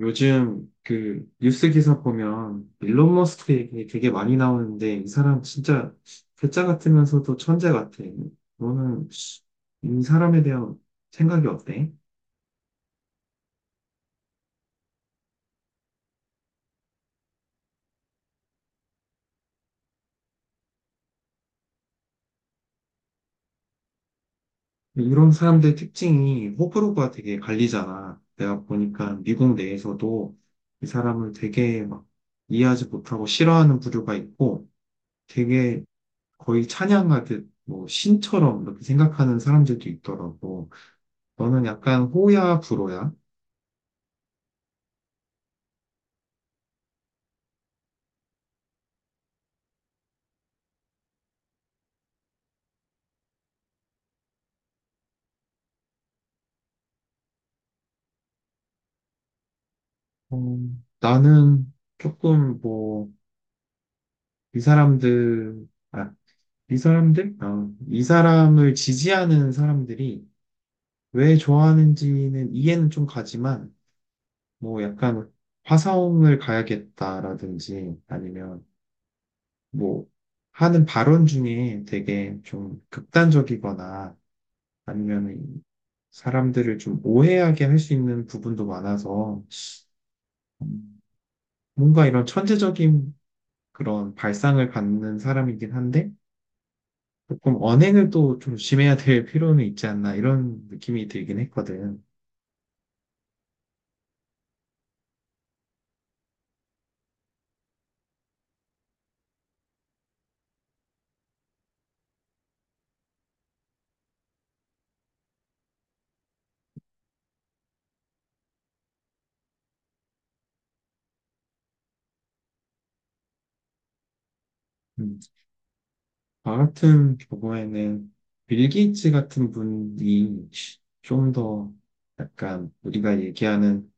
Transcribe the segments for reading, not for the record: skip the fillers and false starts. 요즘 그 뉴스 기사 보면 일론 머스크 얘기 되게 많이 나오는데 이 사람 진짜 괴짜 같으면서도 천재 같아. 너는 이 사람에 대한 생각이 어때? 이런 사람들 특징이 호불호가 되게 갈리잖아. 내가 보니까 미국 내에서도 이 사람을 되게 막 이해하지 못하고 싫어하는 부류가 있고 되게 거의 찬양하듯 뭐 신처럼 이렇게 생각하는 사람들도 있더라고. 너는 약간 호야, 불호야? 어, 나는 조금 뭐, 이 사람들, 아, 이 사람들? 아, 이 사람을 지지하는 사람들이 왜 좋아하는지는 이해는 좀 가지만, 뭐 약간 화성을 가야겠다라든지 아니면 뭐 하는 발언 중에 되게 좀 극단적이거나 아니면 사람들을 좀 오해하게 할 수 있는 부분도 많아서 음, 뭔가 이런 천재적인 그런 발상을 갖는 사람이긴 한데, 조금 언행을 또 좀 조심해야 될 필요는 있지 않나 이런 느낌이 들긴 했거든. 음, 저 같은 경우에는 빌 게이츠 같은 분이 좀 더 약간 우리가 얘기하는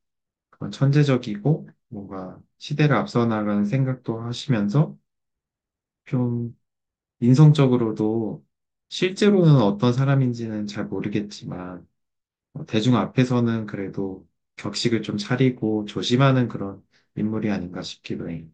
그런 천재적이고 뭔가 시대를 앞서 나가는 생각도 하시면서 좀 인성적으로도 실제로는 어떤 사람인지는 잘 모르겠지만 어, 대중 앞에서는 그래도 격식을 좀 차리고 조심하는 그런 인물이 아닌가 싶기도 해.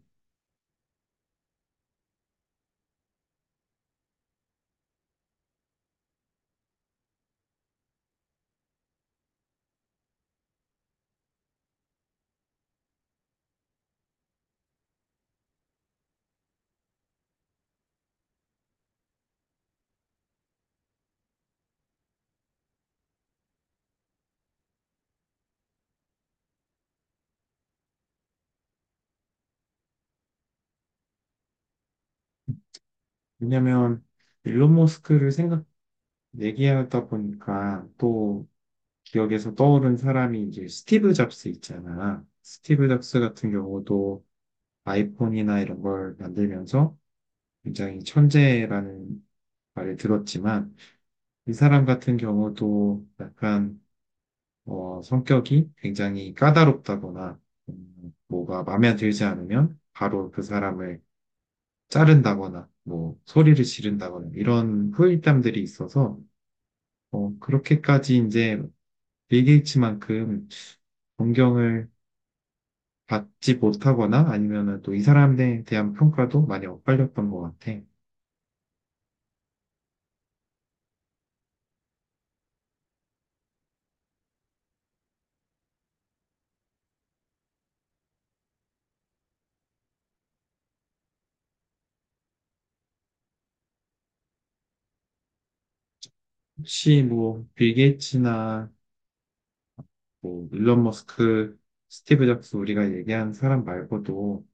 왜냐면 일론 머스크를 생각 얘기하다 보니까 또 기억에서 떠오른 사람이 이제 스티브 잡스 있잖아. 스티브 잡스 같은 경우도 아이폰이나 이런 걸 만들면서 굉장히 천재라는 말을 들었지만 이 사람 같은 경우도 약간 어, 성격이 굉장히 까다롭다거나 뭐가 마음에 들지 않으면 바로 그 사람을 자른다거나 뭐 소리를 지른다거나 이런 후일담들이 있어서 어, 그렇게까지 이제 빌 게이츠만큼 존경을 받지 못하거나 아니면은 또 이 사람에 대한 평가도 많이 엇갈렸던 것 같아. 혹시 뭐 빌 게이츠나 뭐 일론 머스크, 스티브 잡스 우리가 얘기한 사람 말고도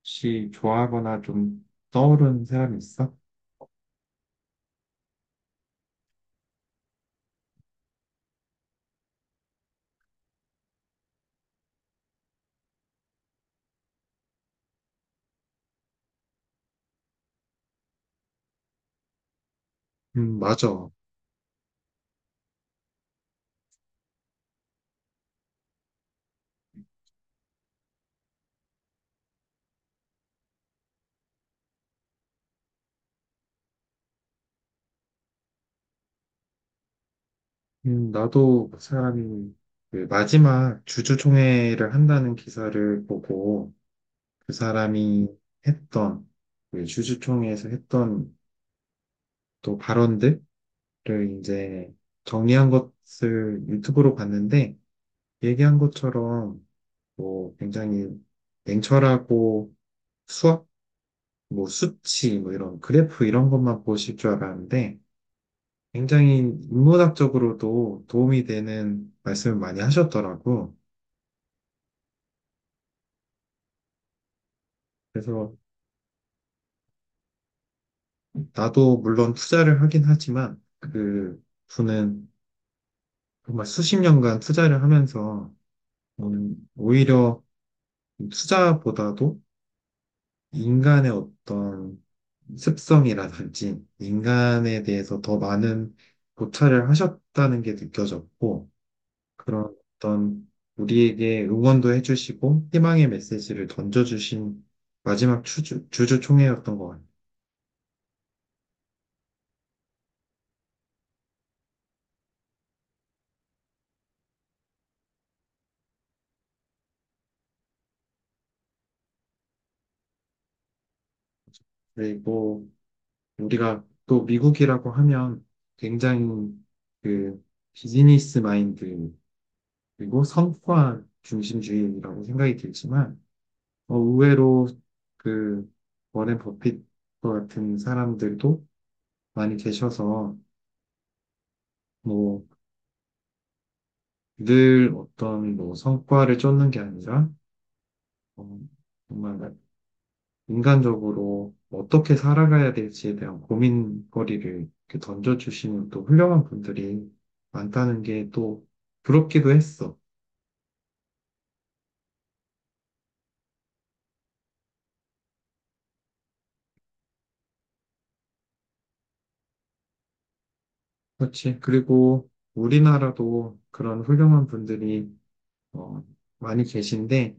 혹시 좋아하거나 좀 떠오르는 사람이 있어? 맞아. 나도 그 사람이 그 마지막 주주총회를 한다는 기사를 보고 그 사람이 했던 그 주주총회에서 했던 또 발언들을 이제 정리한 것을 유튜브로 봤는데 얘기한 것처럼 뭐 굉장히 냉철하고 수학 뭐 수치 뭐 이런 그래프 이런 것만 보실 줄 알았는데 굉장히 인문학적으로도 도움이 되는 말씀을 많이 하셨더라고. 그래서 나도 물론 투자를 하긴 하지만 그 분은 정말 수십 년간 투자를 하면서 오히려 투자보다도 인간의 어떤 습성이라든지 인간에 대해서 더 많은 고찰을 하셨다는 게 느껴졌고, 그런 어떤 우리에게 응원도 해주시고 희망의 메시지를 던져주신 마지막 주주총회였던 것 같아요. 그리고 우리가 또 미국이라고 하면 굉장히 그 비즈니스 마인드 그리고 성과 중심주의라고 생각이 들지만 어, 의외로 그 워렌 버핏 같은 사람들도 많이 계셔서 뭐 늘 어떤 뭐 성과를 쫓는 게 아니라 어, 정말 인간적으로 어떻게 살아가야 될지에 대한 고민거리를 이렇게 던져주시는 또 훌륭한 분들이 많다는 게 또 부럽기도 했어. 그렇지. 그리고 우리나라도 그런 훌륭한 분들이 어, 많이 계신데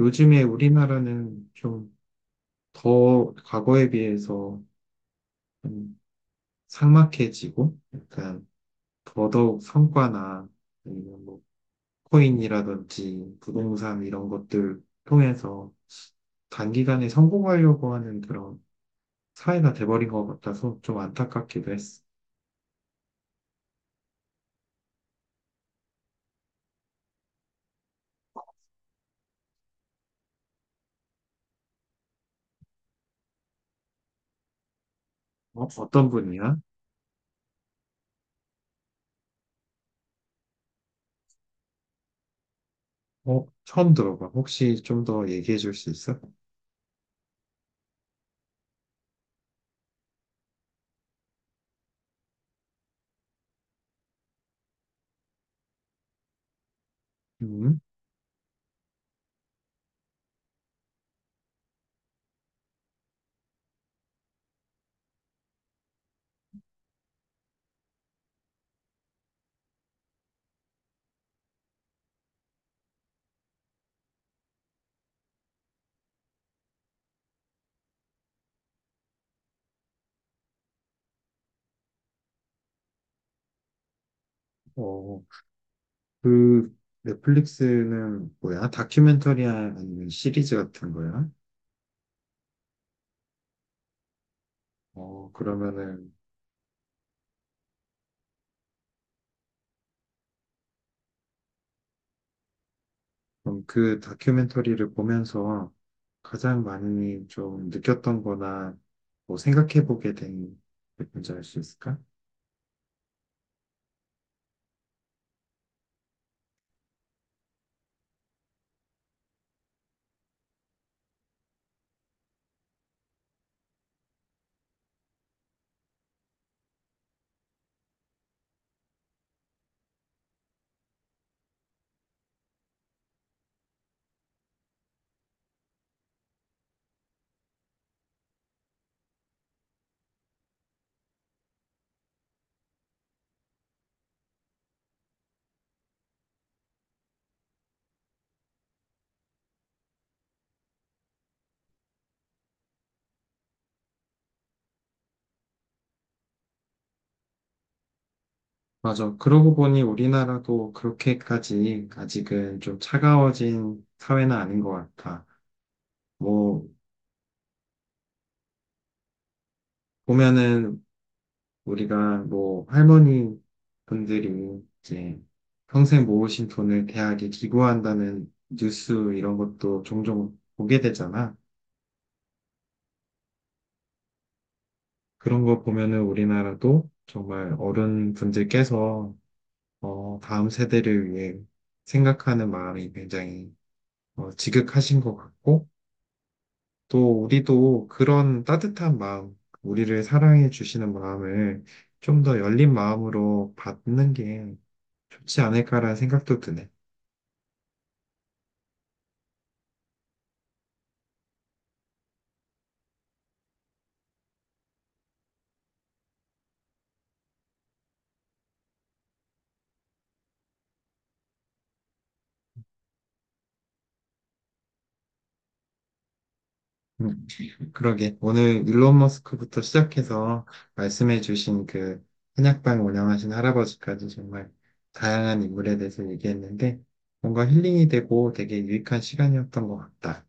요즘에 우리나라는 좀 더 과거에 비해서 좀 삭막해지고 약간 더더욱 성과나 아니면 뭐 코인이라든지 부동산 이런 것들 통해서 단기간에 성공하려고 하는 그런 사회가 돼버린 것 같아서 좀 안타깝기도 했어. 어, 어떤 분이야? 어, 처음 들어봐. 혹시 좀 더 얘기해 줄 수 있어? 음, 어, 그 넷플릭스는 뭐야? 다큐멘터리 아니면 시리즈 같은 거야? 어, 그러면은 그럼 그 다큐멘터리를 보면서 가장 많이 좀 느꼈던 거나 뭐 생각해보게 된 게 뭔지 알 수 있을까? 맞아. 그러고 보니 우리나라도 그렇게까지 아직은 좀 차가워진 사회는 아닌 것 같아. 뭐, 보면은 우리가 뭐 할머니 분들이 이제 평생 모으신 돈을 대학에 기부한다는 뉴스 이런 것도 종종 보게 되잖아. 그런 거 보면은 우리나라도 정말 어른분들께서 어, 다음 세대를 위해 생각하는 마음이 굉장히 어, 지극하신 것 같고 또 우리도 그런 따뜻한 마음, 우리를 사랑해 주시는 마음을 좀 더 열린 마음으로 받는 게 좋지 않을까라는 생각도 드네. 음. 그러게. 오늘 일론 머스크부터 시작해서 말씀해주신 그 한약방 운영하신 할아버지까지 정말 다양한 인물에 대해서 얘기했는데 뭔가 힐링이 되고 되게 유익한 시간이었던 것 같다.